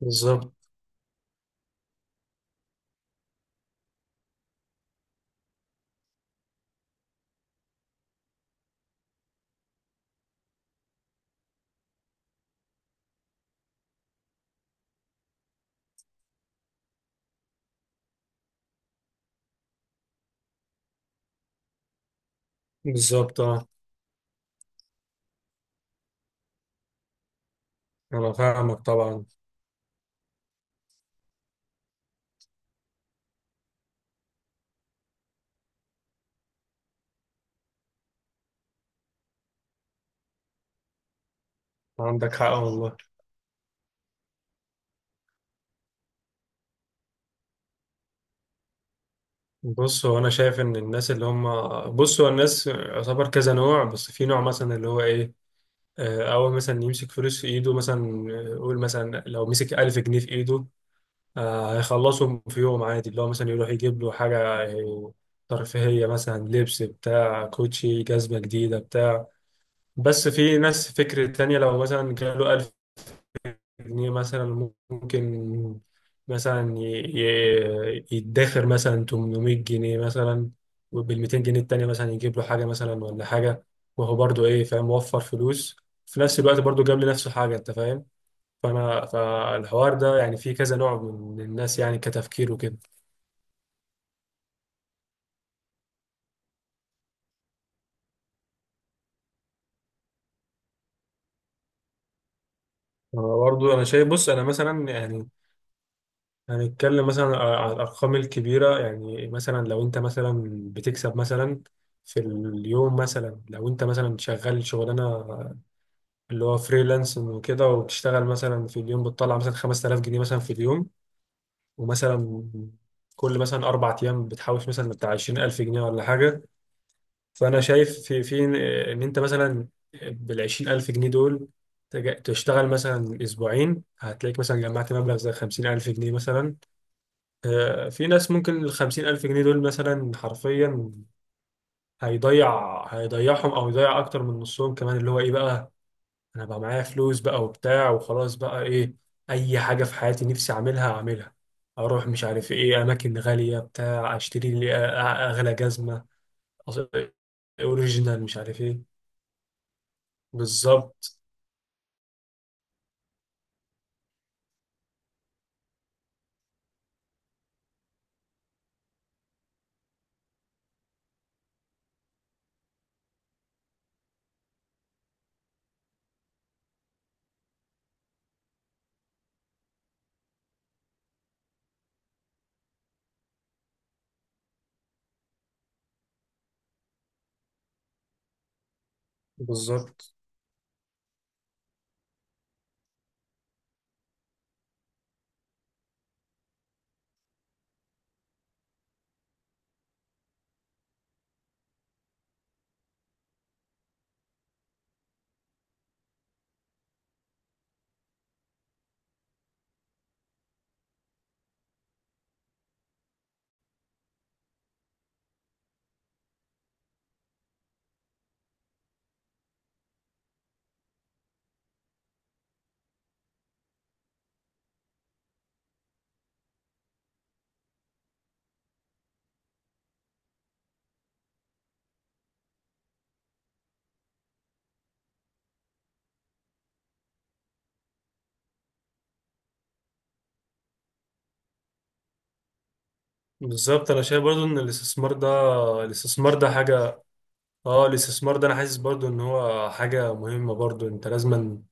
بالظبط، بالظبط. اه، انا فاهمك طبعا. عندك حق والله. بص، هو انا شايف ان الناس اللي هم، بص هو الناس يعتبر كذا نوع. بس في نوع مثلا اللي هو ايه، اول مثلا يمسك فلوس في ايده مثلا. قول مثلا لو مسك 1000 جنيه في ايده، هيخلصهم في يوم عادي اللي هو مثلا يروح يجيب له حاجة آه، ترفيهية، مثلا لبس بتاع كوتشي، جزمة جديدة بتاع. بس في ناس فكر تانية، لو مثلا جاله جنيه مثلا ممكن مثلا يدخر مثلا 800 جنيه مثلا، وبال 200 جنيه التانية مثلا يجيب له حاجة مثلا ولا حاجة. وهو برضو إيه، فاهم وفر فلوس، في نفس الوقت برضو جاب لنفسه حاجة. أنت فاهم؟ فأنا فالحوار ده يعني فيه كذا نوع من الناس يعني كتفكير وكده. أنا برضو شايف، بص أنا مثلا يعني هنتكلم مثلا على الأرقام الكبيرة. يعني مثلا لو أنت مثلا بتكسب مثلا في اليوم، مثلا لو أنت مثلا شغال شغلانة اللي هو فريلانس وكده، وبتشتغل مثلا في اليوم بتطلع مثلا 5000 جنيه مثلا في اليوم، ومثلا كل مثلا 4 أيام بتحوش مثلا بتاع 20000 جنيه ولا حاجة. فأنا شايف في إن أنت مثلا بال 20000 جنيه دول تشتغل مثلا أسبوعين هتلاقيك مثلا جمعت مبلغ زي 50000 جنيه مثلا. في ناس ممكن ال50000 جنيه دول مثلا حرفيا هيضيعهم أو يضيع أكتر من نصهم كمان. اللي هو إيه بقى، أنا بقى معايا فلوس بقى وبتاع وخلاص بقى، إيه، أي حاجة في حياتي نفسي أعملها أعملها. أروح مش عارف إيه أماكن غالية بتاع، أشتري لي أغلى جزمة أص- أوريجينال، مش عارف إيه. بالظبط بالظبط بالظبط. أنا شايف برضو إن الاستثمار ده، الاستثمار ده حاجة، اه الاستثمار ده انا حاسس برضو ان هو حاجة مهمة برضو انت لازما.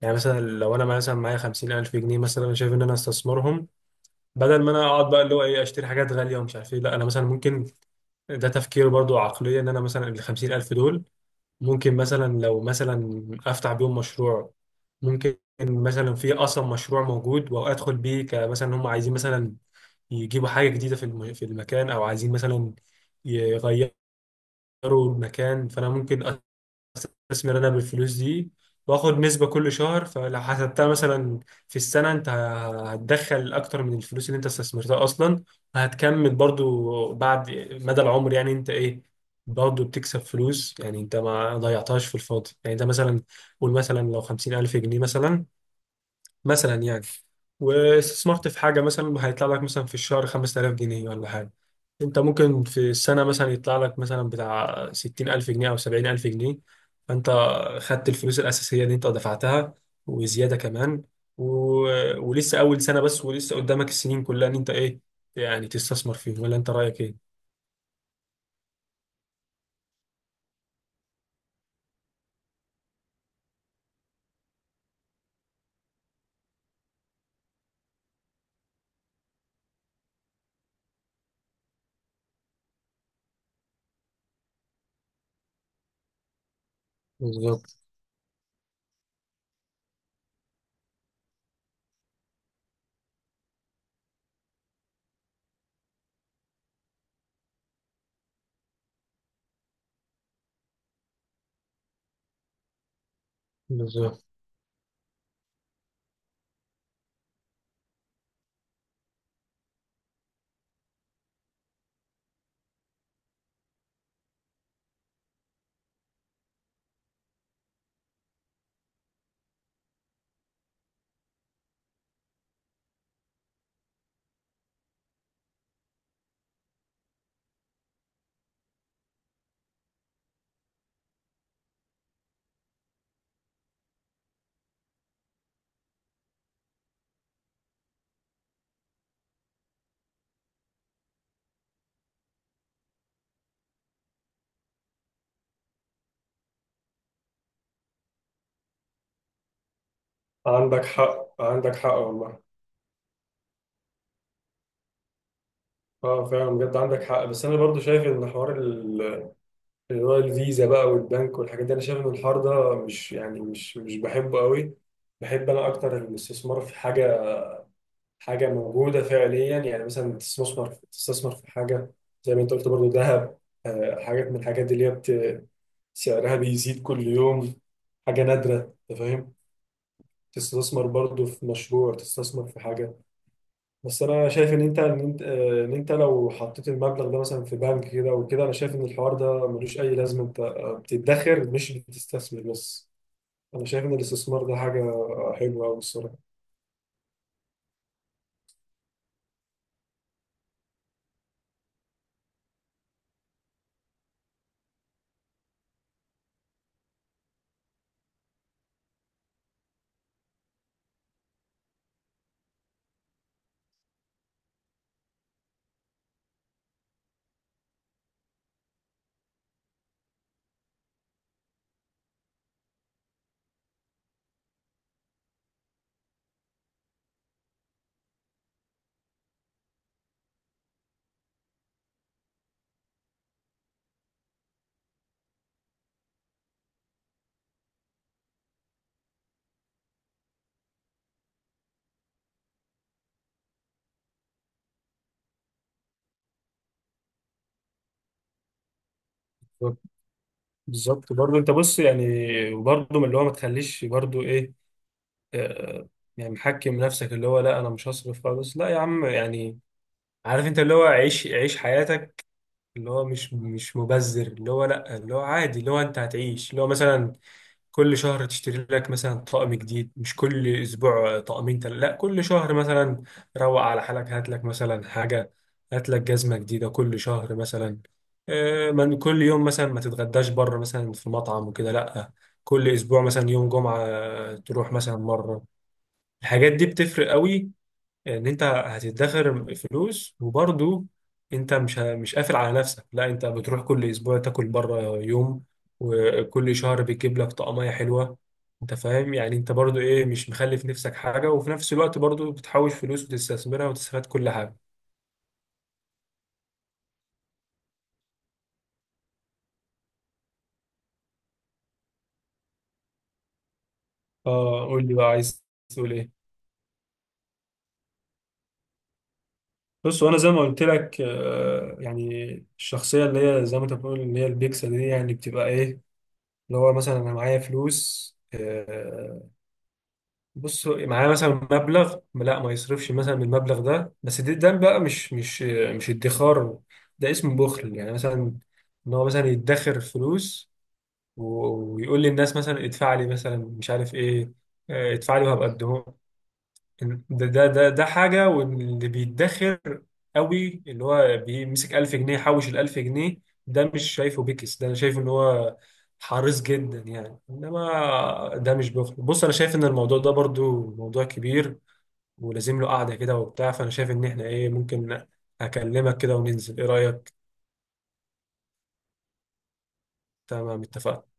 يعني مثلا لو انا مثلا معايا 50000 جنيه، مثلا انا شايف ان انا استثمرهم بدل ما انا اقعد بقى اللي هو ايه اشتري حاجات غالية ومش عارف ايه، لا انا مثلا ممكن. ده تفكير برضو عقلية ان انا مثلا ال50000 دول ممكن مثلا، لو مثلا افتح بيهم مشروع. ممكن مثلا في اصلا مشروع موجود وادخل بيه، كمثلا هم عايزين مثلا يجيبوا حاجة جديدة في المكان، او عايزين مثلا يغيروا المكان. فانا ممكن استثمر انا بالفلوس دي واخد نسبة كل شهر. فلو حسبتها مثلا في السنة، انت هتدخل اكتر من الفلوس اللي انت استثمرتها اصلا، وهتكمل برضو بعد مدى العمر. يعني انت ايه، برضو بتكسب فلوس، يعني انت ما ضيعتهاش في الفاضي. يعني انت مثلا قول مثلا لو 50000 جنيه مثلا، مثلا يعني واستثمرت في حاجة، مثلا هيطلع لك مثلا في الشهر 5000 جنيه ولا حاجة. انت ممكن في السنة مثلا يطلع لك مثلا بتاع 60000 جنيه أو 70000 جنيه. فانت خدت الفلوس الأساسية اللي انت دفعتها وزيادة كمان. و... ولسه أول سنة بس، ولسه قدامك السنين كلها ان انت ايه يعني تستثمر فيه. ولا انت رأيك ايه؟ بالظبط، بالظبط. عندك حق والله. اه فعلا بجد عندك حق. بس انا برضو شايف ان حوار اللي هو الفيزا بقى والبنك والحاجات دي، انا شايف ان الحوار ده مش يعني مش بحبه قوي. بحب انا اكتر الاستثمار في حاجه، حاجه موجوده فعليا. يعني مثلا تستثمر في حاجه زي ما انت قلت برضه، ذهب، حاجات من الحاجات دي اللي هي سعرها بيزيد كل يوم. حاجه نادره، انت فاهم. تستثمر برضه في مشروع، تستثمر في حاجه. بس انا شايف ان انت ان انت لو حطيت المبلغ ده مثلا في بنك كده وكده، انا شايف ان الحوار ده ملوش اي لازمه. انت بتدخر مش بتستثمر بس. انا شايف ان الاستثمار ده حاجه حلوه قوي الصراحه. بالظبط، بالظبط برضه. انت بص يعني برضه من اللي هو ما تخليش برضه ايه، آه، يعني محكم نفسك اللي هو لا انا مش هصرف خالص. لا يا عم يعني عارف، انت اللي هو عيش عيش حياتك، اللي هو مش مبذر، اللي هو لا، اللي هو عادي، اللي هو انت هتعيش اللي هو مثلا كل شهر تشتري لك مثلا طقم جديد مش كل اسبوع طقمين، لا كل شهر مثلا. روق على حالك، هات لك مثلا حاجه، هات لك جزمه جديده كل شهر مثلا. من كل يوم مثلا ما تتغداش بره مثلا في مطعم وكده، لا كل اسبوع مثلا يوم جمعه تروح مثلا مره. الحاجات دي بتفرق قوي، ان انت هتدخر فلوس وبرضو انت مش قافل على نفسك. لا انت بتروح كل اسبوع تاكل بره يوم، وكل شهر بتجيب لك طقمية حلوة. انت فاهم؟ يعني انت برضو ايه مش مخلف نفسك حاجة، وفي نفس الوقت برضو بتحوش فلوس وتستثمرها وتستفاد كل حاجة. اه، قول لي بقى عايز تقول ايه. بص، وانا زي ما قلت لك، يعني الشخصية اللي هي زي ما انت بتقول اللي هي البيكسل دي، يعني بتبقى ايه اللي هو مثلا انا معايا فلوس، بص معاه مثلا مبلغ لا ما يصرفش مثلا من المبلغ ده. بس ده بقى مش ادخار، ده اسمه بخل. يعني مثلا ان هو مثلا يدخر فلوس ويقول للناس مثلا ادفع لي مثلا مش عارف ايه، اه، ادفع لي وهبقى اديهم. ده حاجة. واللي بيدخر قوي اللي هو بيمسك 1000 جنيه حوش ال 1000 جنيه، ده مش شايفه بيكس، ده انا شايف ان هو حريص جدا. يعني انما ده مش بخل. بص انا شايف ان الموضوع ده برضو موضوع كبير ولازم له قعدة كده وبتاع. فانا شايف ان احنا ايه ممكن اكلمك كده وننزل، ايه رأيك؟ تمام، اتفقنا.